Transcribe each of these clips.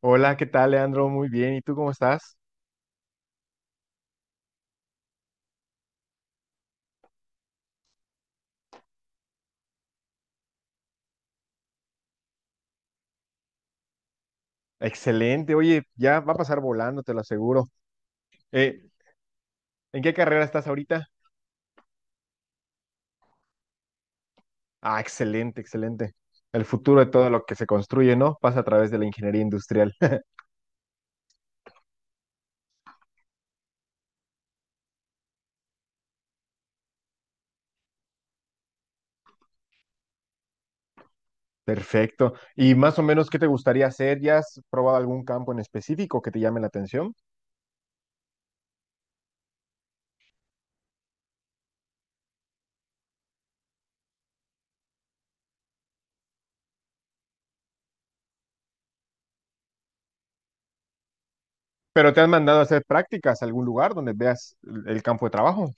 Hola, ¿qué tal, Leandro? Muy bien. ¿Y tú cómo estás? Excelente. Oye, ya va a pasar volando, te lo aseguro. Eh, ¿En qué carrera estás ahorita? Ah, excelente, excelente. El futuro de todo lo que se construye, ¿no? Pasa a través de la ingeniería industrial. Perfecto. ¿Y más o menos qué te gustaría hacer? ¿Ya has probado algún campo en específico que te llame la atención? Pero te han mandado a hacer prácticas a algún lugar donde veas el campo de trabajo.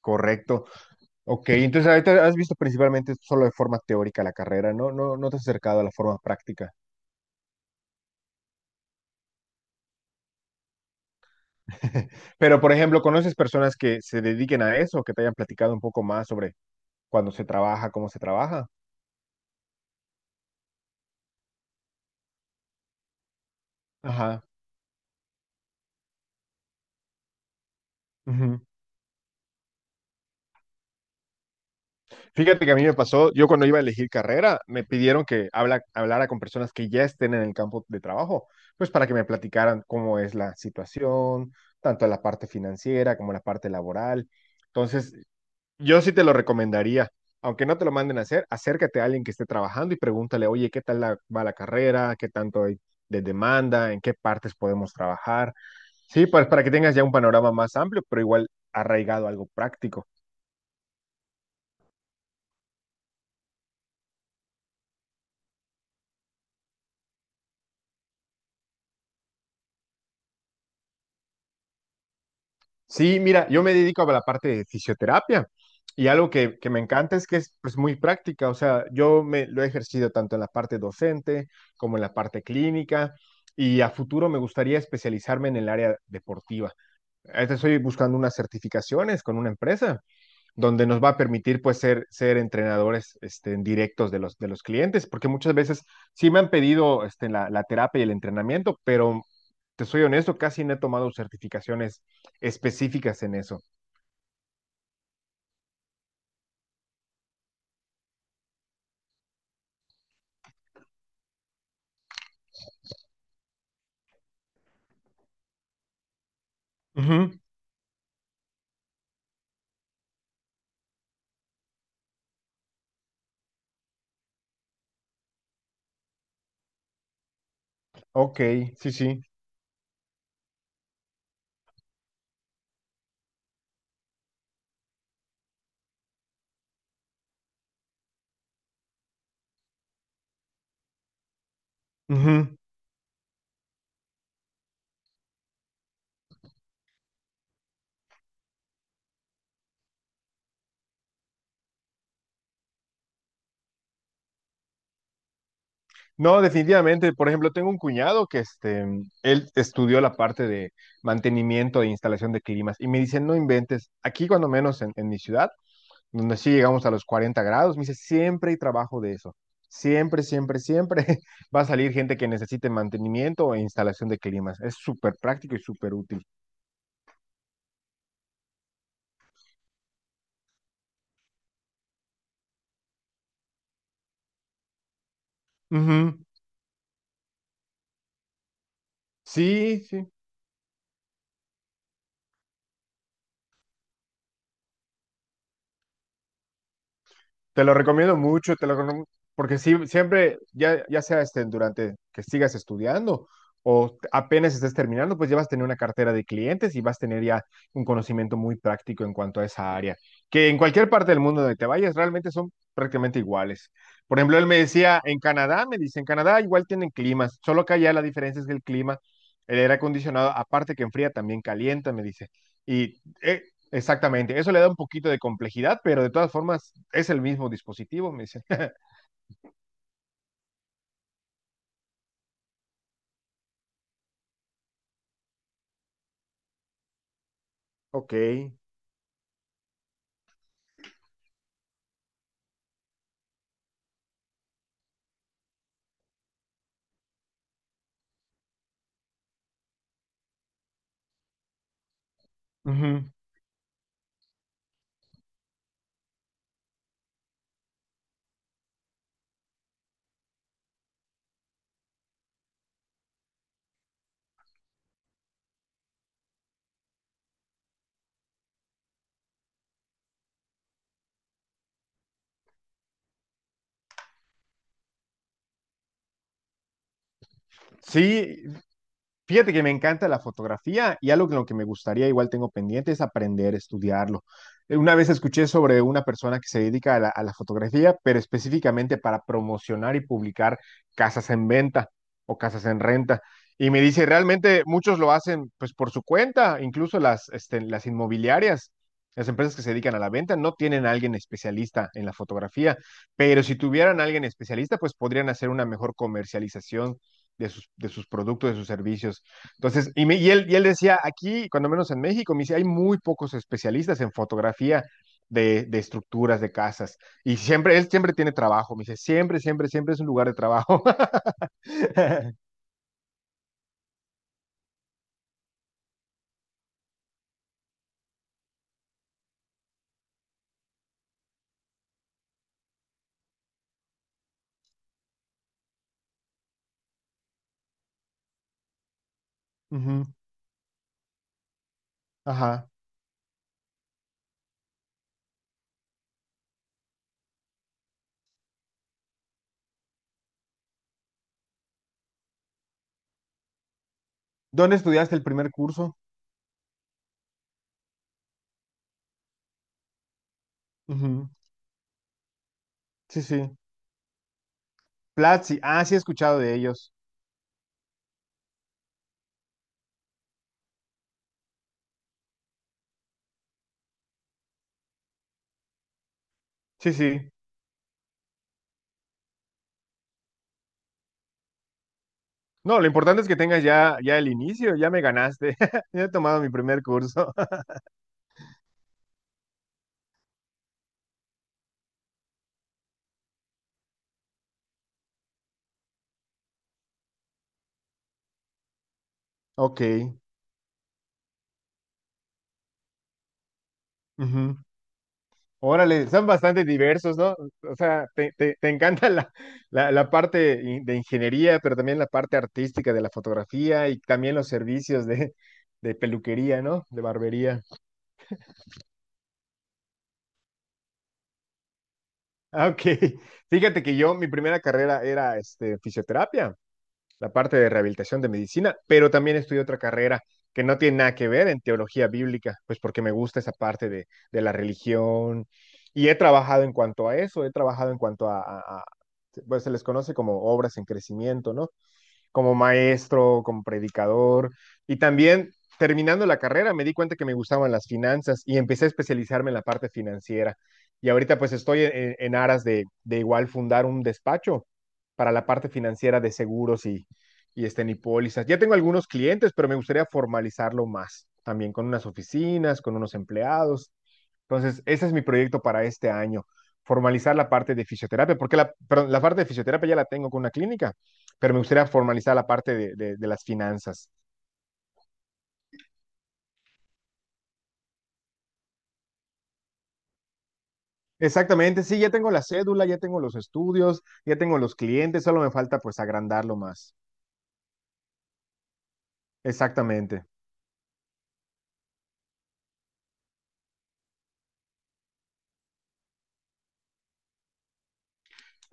Correcto. Ok, entonces ahorita has visto principalmente solo de forma teórica la carrera, ¿no? No, no te has acercado a la forma práctica. Pero, por ejemplo, ¿conoces personas que se dediquen a eso, que te hayan platicado un poco más sobre cuándo se trabaja, cómo se trabaja? Ajá. Ujú. Fíjate que a mí me pasó, yo cuando iba a elegir carrera, me pidieron que hablara con personas que ya estén en el campo de trabajo, pues para que me platicaran cómo es la situación, tanto la parte financiera como la parte laboral. Entonces, yo sí te lo recomendaría, aunque no te lo manden a hacer, acércate a alguien que esté trabajando y pregúntale, oye, ¿qué tal va la carrera? ¿Qué tanto hay de demanda? ¿En qué partes podemos trabajar? Sí, pues para que tengas ya un panorama más amplio, pero igual arraigado a algo práctico. Sí, mira, yo me dedico a la parte de fisioterapia y algo que me encanta es que es pues, muy práctica, o sea, yo me lo he ejercido tanto en la parte docente como en la parte clínica y a futuro me gustaría especializarme en el área deportiva. Ahorita estoy buscando unas certificaciones con una empresa donde nos va a permitir pues ser, ser entrenadores este, en directos de los clientes, porque muchas veces sí me han pedido este, la terapia y el entrenamiento, pero te soy honesto, casi no he tomado certificaciones específicas en eso. Ujú. Ok, sí, sí. Ujú. No, definitivamente. Por ejemplo, tengo un cuñado que este, él estudió la parte de mantenimiento e instalación de climas y me dice, no inventes, aquí cuando menos en mi ciudad donde sí llegamos a los 40 grados. Me dice, siempre hay trabajo de eso. Siempre, siempre, siempre va a salir gente que necesite mantenimiento e instalación de climas. Es súper práctico y súper útil. Ujú. Sí, sí. Te lo recomiendo mucho, te lo porque sí, siempre, ya, ya sea este, durante que sigas estudiando o apenas estés terminando, pues ya vas a tener una cartera de clientes y vas a tener ya un conocimiento muy práctico en cuanto a esa área, que en cualquier parte del mundo donde te vayas realmente son prácticamente iguales. Por ejemplo, él me decía, en Canadá, me dice, en Canadá igual tienen climas, solo que allá la diferencia es que el clima, el aire acondicionado, aparte que enfría, también calienta, me dice. Y exactamente, eso le da un poquito de complejidad, pero de todas formas es el mismo dispositivo, me dicen. Ok. Ujú. Sí, fíjate que me encanta la fotografía y algo que lo que me gustaría, igual tengo pendiente, es aprender, estudiarlo. Una vez escuché sobre una persona que se dedica a la fotografía, pero específicamente para promocionar y publicar casas en venta o casas en renta. Y me dice, realmente muchos lo hacen pues por su cuenta, incluso las, este, las inmobiliarias, las empresas que se dedican a la venta, no tienen a alguien especialista en la fotografía, pero si tuvieran a alguien especialista, pues podrían hacer una mejor comercialización de sus productos, de sus servicios. Entonces, y, y él decía, aquí, cuando menos en México, me dice, hay muy pocos especialistas en fotografía de estructuras, de casas. Y siempre, él siempre tiene trabajo, me dice, siempre, siempre, siempre es un lugar de trabajo. Ujú. Ajá. ¿Dónde estudiaste el primer curso? Ujú. Sí, sí. Platzi, ah, sí he escuchado de ellos. Sí, sí. No, lo importante es que tengas ya, ya el inicio, ya me ganaste. Ya he tomado mi primer curso. Ok. Ujú. Órale, son bastante diversos, ¿no? O sea, te encanta la parte de ingeniería, pero también la parte artística de la fotografía y también los servicios de peluquería, ¿no? De barbería. Ah, ok. Fíjate que yo, mi primera carrera era este, fisioterapia. La parte de rehabilitación de medicina, pero también estudié otra carrera que no tiene nada que ver en teología bíblica, pues porque me gusta esa parte de la religión y he trabajado en cuanto a eso, he trabajado en cuanto a, pues se les conoce como obras en crecimiento, ¿no? Como maestro, como predicador. Y también terminando la carrera me di cuenta que me gustaban las finanzas y empecé a especializarme en la parte financiera. Y ahorita pues estoy en aras de igual fundar un despacho para la parte financiera de seguros y este y pólizas. Ya tengo algunos clientes, pero me gustaría formalizarlo más, también con unas oficinas, con unos empleados. Entonces, ese es mi proyecto para este año, formalizar la parte de fisioterapia, porque la, perdón, la parte de fisioterapia ya la tengo con una clínica, pero me gustaría formalizar la parte de, de las finanzas. Exactamente, sí, ya tengo la cédula, ya tengo los estudios, ya tengo los clientes, solo me falta pues agrandarlo más. Exactamente.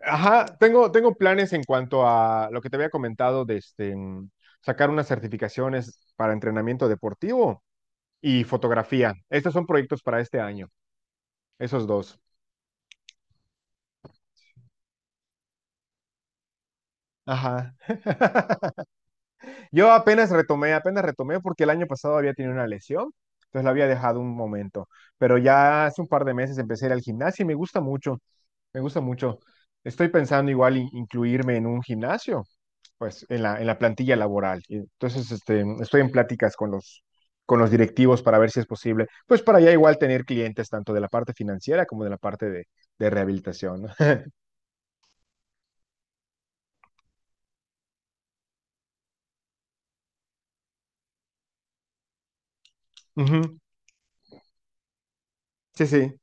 Ajá, tengo, tengo planes en cuanto a lo que te había comentado de este, sacar unas certificaciones para entrenamiento deportivo y fotografía. Estos son proyectos para este año, esos dos. Ajá. Yo apenas retomé porque el año pasado había tenido una lesión, entonces la había dejado un momento, pero ya hace un par de meses empecé a ir al gimnasio y me gusta mucho, me gusta mucho. Estoy pensando igual incluirme en un gimnasio, pues en la plantilla laboral. Y entonces, este, estoy en pláticas con los directivos para ver si es posible, pues para ya igual tener clientes tanto de la parte financiera como de la parte de rehabilitación, ¿no? Ujú. Sí, sí,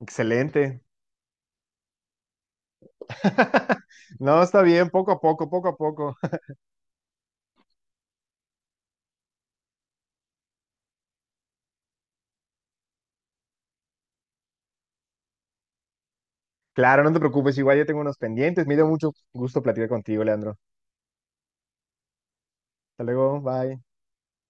excelente. No, está bien, poco a poco, poco a poco. Claro, no te preocupes, igual yo tengo unos pendientes. Me dio mucho gusto platicar contigo, Leandro. Hasta luego, bye.